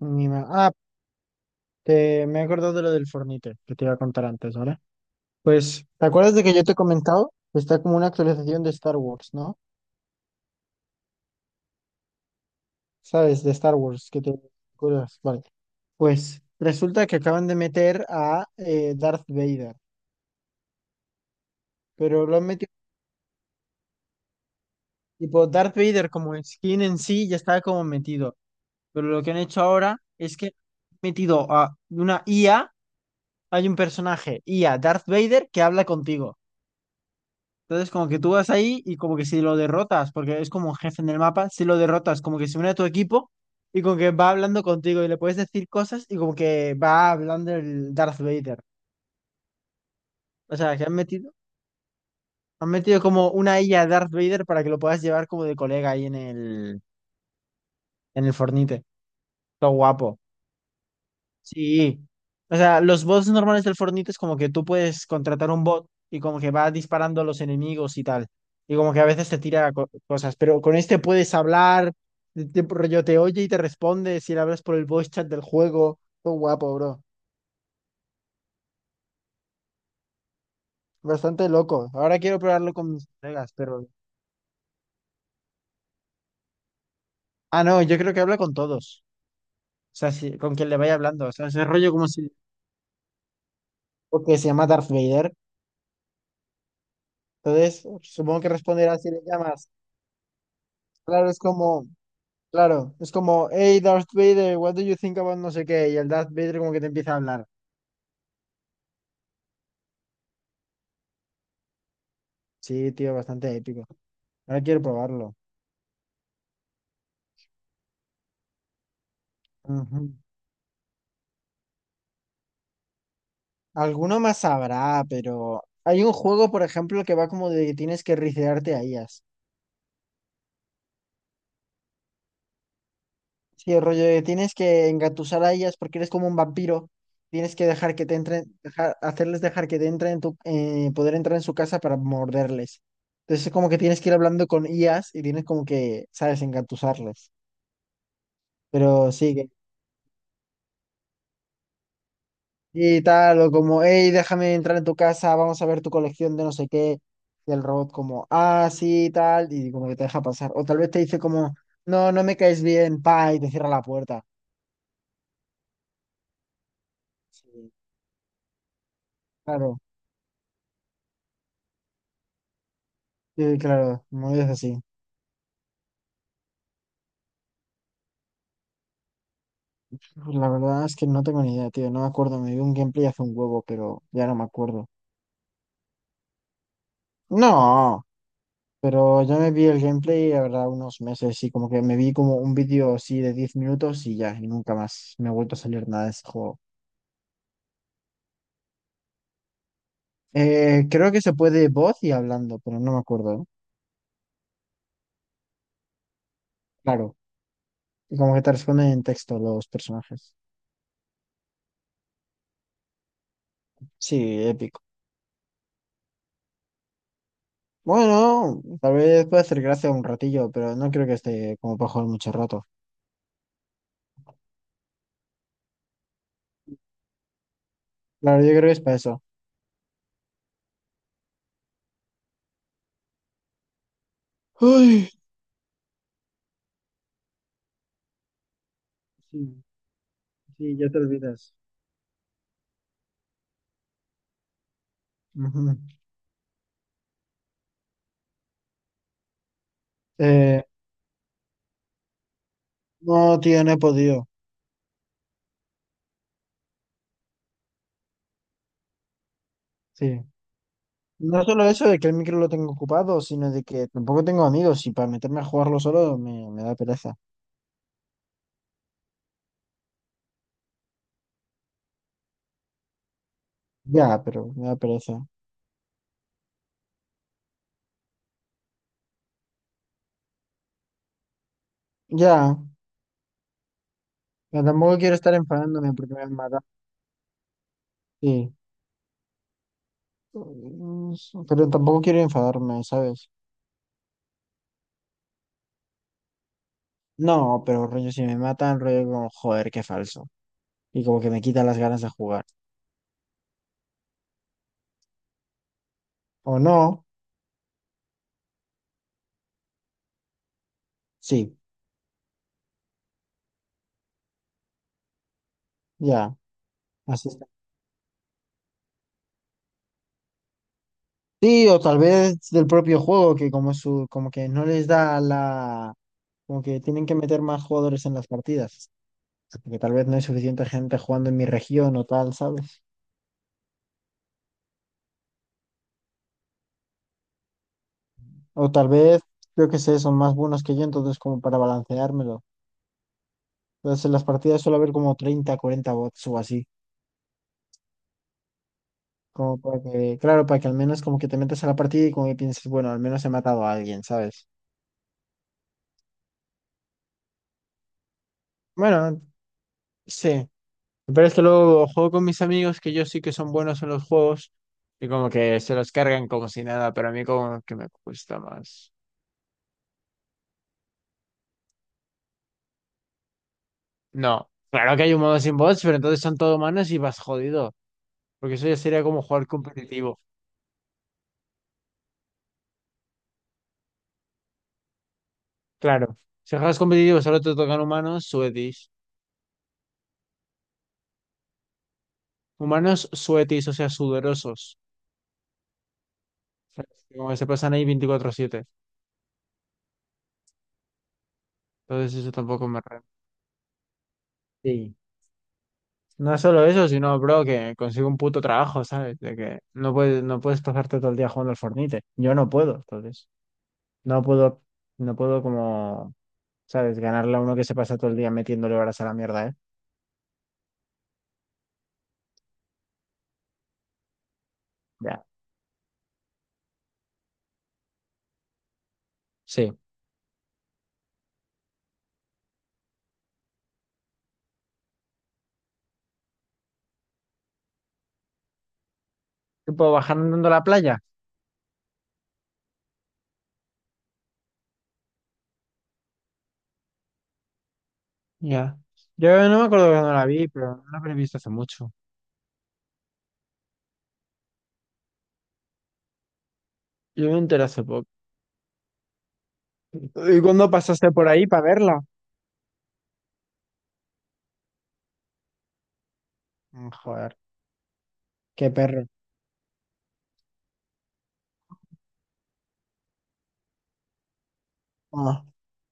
Mi ma- Ah, te- Me he acordado de lo del Fornite que te iba a contar antes, ¿vale? Pues, ¿te acuerdas de que yo te he comentado? Está como una actualización de Star Wars, ¿no? ¿Sabes? De Star Wars, que te acuerdas. Vale. Pues resulta que acaban de meter a Darth Vader, pero lo han metido, tipo, Darth Vader como skin en sí ya estaba como metido, pero lo que han hecho ahora es que han metido a una IA, hay un personaje IA, Darth Vader, que habla contigo. Entonces, como que tú vas ahí y como que si lo derrotas, porque es como un jefe en el mapa, si lo derrotas, como que se une a tu equipo y como que va hablando contigo y le puedes decir cosas y como que va hablando el Darth Vader. O sea, que han metido como una IA Darth Vader para que lo puedas llevar como de colega ahí en el Fortnite. Todo guapo. Sí. O sea, los bots normales del Fortnite es como que tú puedes contratar un bot y como que va disparando a los enemigos y tal. Y como que a veces te tira cosas, pero con este puedes hablar, rollo te oye y te responde si le hablas por el voice chat del juego. Todo guapo, bro. Bastante loco. Ahora quiero probarlo con mis colegas, pero... Ah, no, yo creo que habla con todos. O sea, con quien le vaya hablando. O sea, ese rollo como si... Porque se llama Darth Vader. Entonces, supongo que responderá si le llamas. Claro, es como... Claro, es como, hey Darth Vader, what do you think about no sé qué? Y el Darth Vader como que te empieza a hablar. Sí, tío, bastante épico. Ahora quiero probarlo. Ujú. Alguno más habrá, pero hay un juego, por ejemplo, que va como de que tienes que ricearte a ellas. Sí, el rollo de que tienes que engatusar a ellas porque eres como un vampiro. Tienes que dejar que te entren, dejar, hacerles dejar que te entren en tu, poder entrar en su casa para morderles. Entonces es como que tienes que ir hablando con ellas y tienes como que, ¿sabes?, engatusarles. Pero sí, y tal, o como, hey, déjame entrar en tu casa, vamos a ver tu colección de no sé qué. Y el robot como, ah, sí, tal, y como que te deja pasar. O tal vez te dice como, no, no me caes bien, pa, y te cierra la puerta. Sí, claro, sí, claro, muy es así. Pues la verdad es que no tengo ni idea, tío, no me acuerdo, me vi un gameplay hace un huevo, pero ya no me acuerdo. No, pero yo me vi el gameplay, la verdad, unos meses, y como que me vi como un vídeo así de 10 minutos y ya, y nunca más me ha vuelto a salir nada de ese juego. Creo que se puede voz y hablando, pero no me acuerdo. Claro, y como que te responden en texto los personajes. Sí, épico. Bueno, tal vez puede hacer gracia un ratillo, pero no creo que esté como para jugar mucho rato. Claro, yo creo que es para eso. Uy, sí, sí, ya te olvidas. Ujú. Eh, no, tío, no he podido. Sí. No solo eso de que el micro lo tengo ocupado, sino de que tampoco tengo amigos y para meterme a jugarlo solo me da pereza. Ya, pero me da pereza. Ya. Pero tampoco quiero estar enfadándome porque me mata. Sí. Mm, Pero tampoco quiero enfadarme, ¿sabes? No, pero rollo, si me matan, rollo como, joder, qué falso. Y como que me quita las ganas de jugar. O no, sí, ya, así está. Sí, o tal vez del propio juego, que como su, como que no les da la, como que tienen que meter más jugadores en las partidas. Porque tal vez no hay suficiente gente jugando en mi región o tal, ¿sabes? O tal vez, yo que sé, son más buenos que yo, entonces como para balanceármelo. Entonces, en las partidas suele haber como 30 40 bots o así. Como para que, claro, para que al menos como que te metas a la partida y como que pienses, bueno, al menos he matado a alguien, ¿sabes? Bueno, sí. Pero es que luego juego con mis amigos que yo sí que son buenos en los juegos y como que se los cargan como si nada, pero a mí como que me cuesta más. No, claro que hay un modo sin bots, pero entonces son todo humanos y vas jodido, porque eso ya sería como jugar competitivo. Claro, si juegas competitivo solo te tocan humanos, suetis. Humanos suetis, o sea, sudorosos. ¿Sabes? Como que se pasan ahí 24/7. Entonces eso tampoco me renta. Sí, no es solo eso, sino, bro, que consigo un puto trabajo, ¿sabes? De que no puedes pasarte todo el día jugando al Fortnite. Yo no puedo, entonces. No puedo, no puedo como, ¿sabes? Ganarle a uno que se pasa todo el día metiéndole horas a la mierda, ¿eh? Ya. Sí. ¿Qué puedo bajar andando a la playa? Ya. Yo no me acuerdo cuando la vi, pero no la habré visto hace mucho. Yo me enteré hace poco. ¿Y cuándo pasaste por ahí para verla? Mm, joder, qué perro.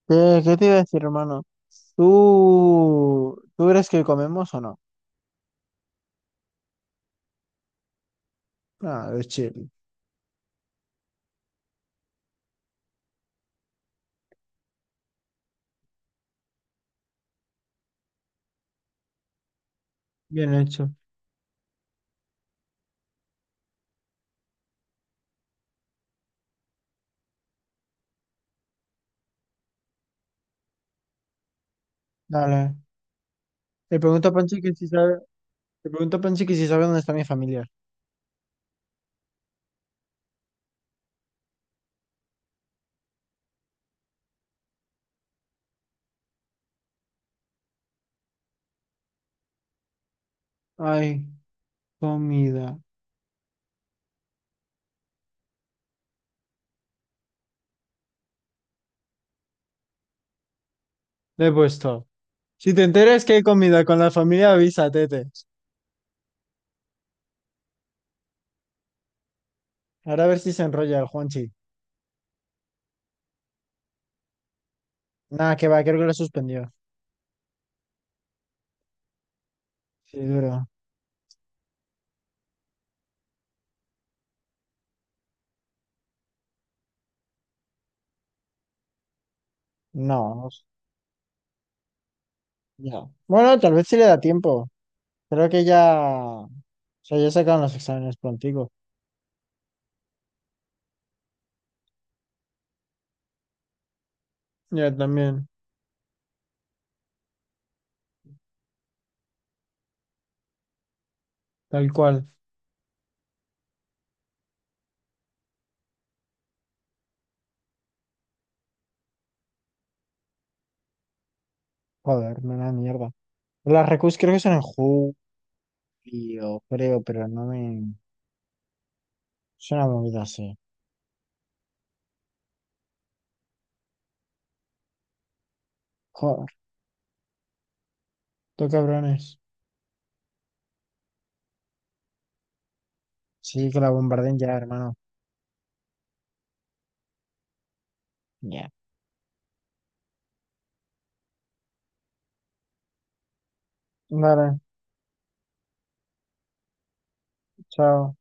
¿Qué te iba a decir, hermano? ¿Tú crees que comemos o no? Ah, es chill. Bien hecho. Dale. Le pregunto a Panchi que si sabe, Le pregunto a Panchi que si sabe dónde está mi familia. Ay, comida. Le he puesto. Si te enteras que hay comida con la familia, avisa, tete. Ahora a ver si se enrolla el Juanchi. Nada, que va, creo que lo suspendió. Sí, duro. No, no s- Ya. Bueno, tal vez sí le da tiempo. Creo que ya, o sea, ya sacaron los exámenes prontigo. Ya también, tal cual. Joder, me da mierda. Las recus creo que son en julio, creo, pero no me... Es una movida así. Joder, tú cabrones. Sí, que la bombarden ya, hermano. Ya. Vale, chao.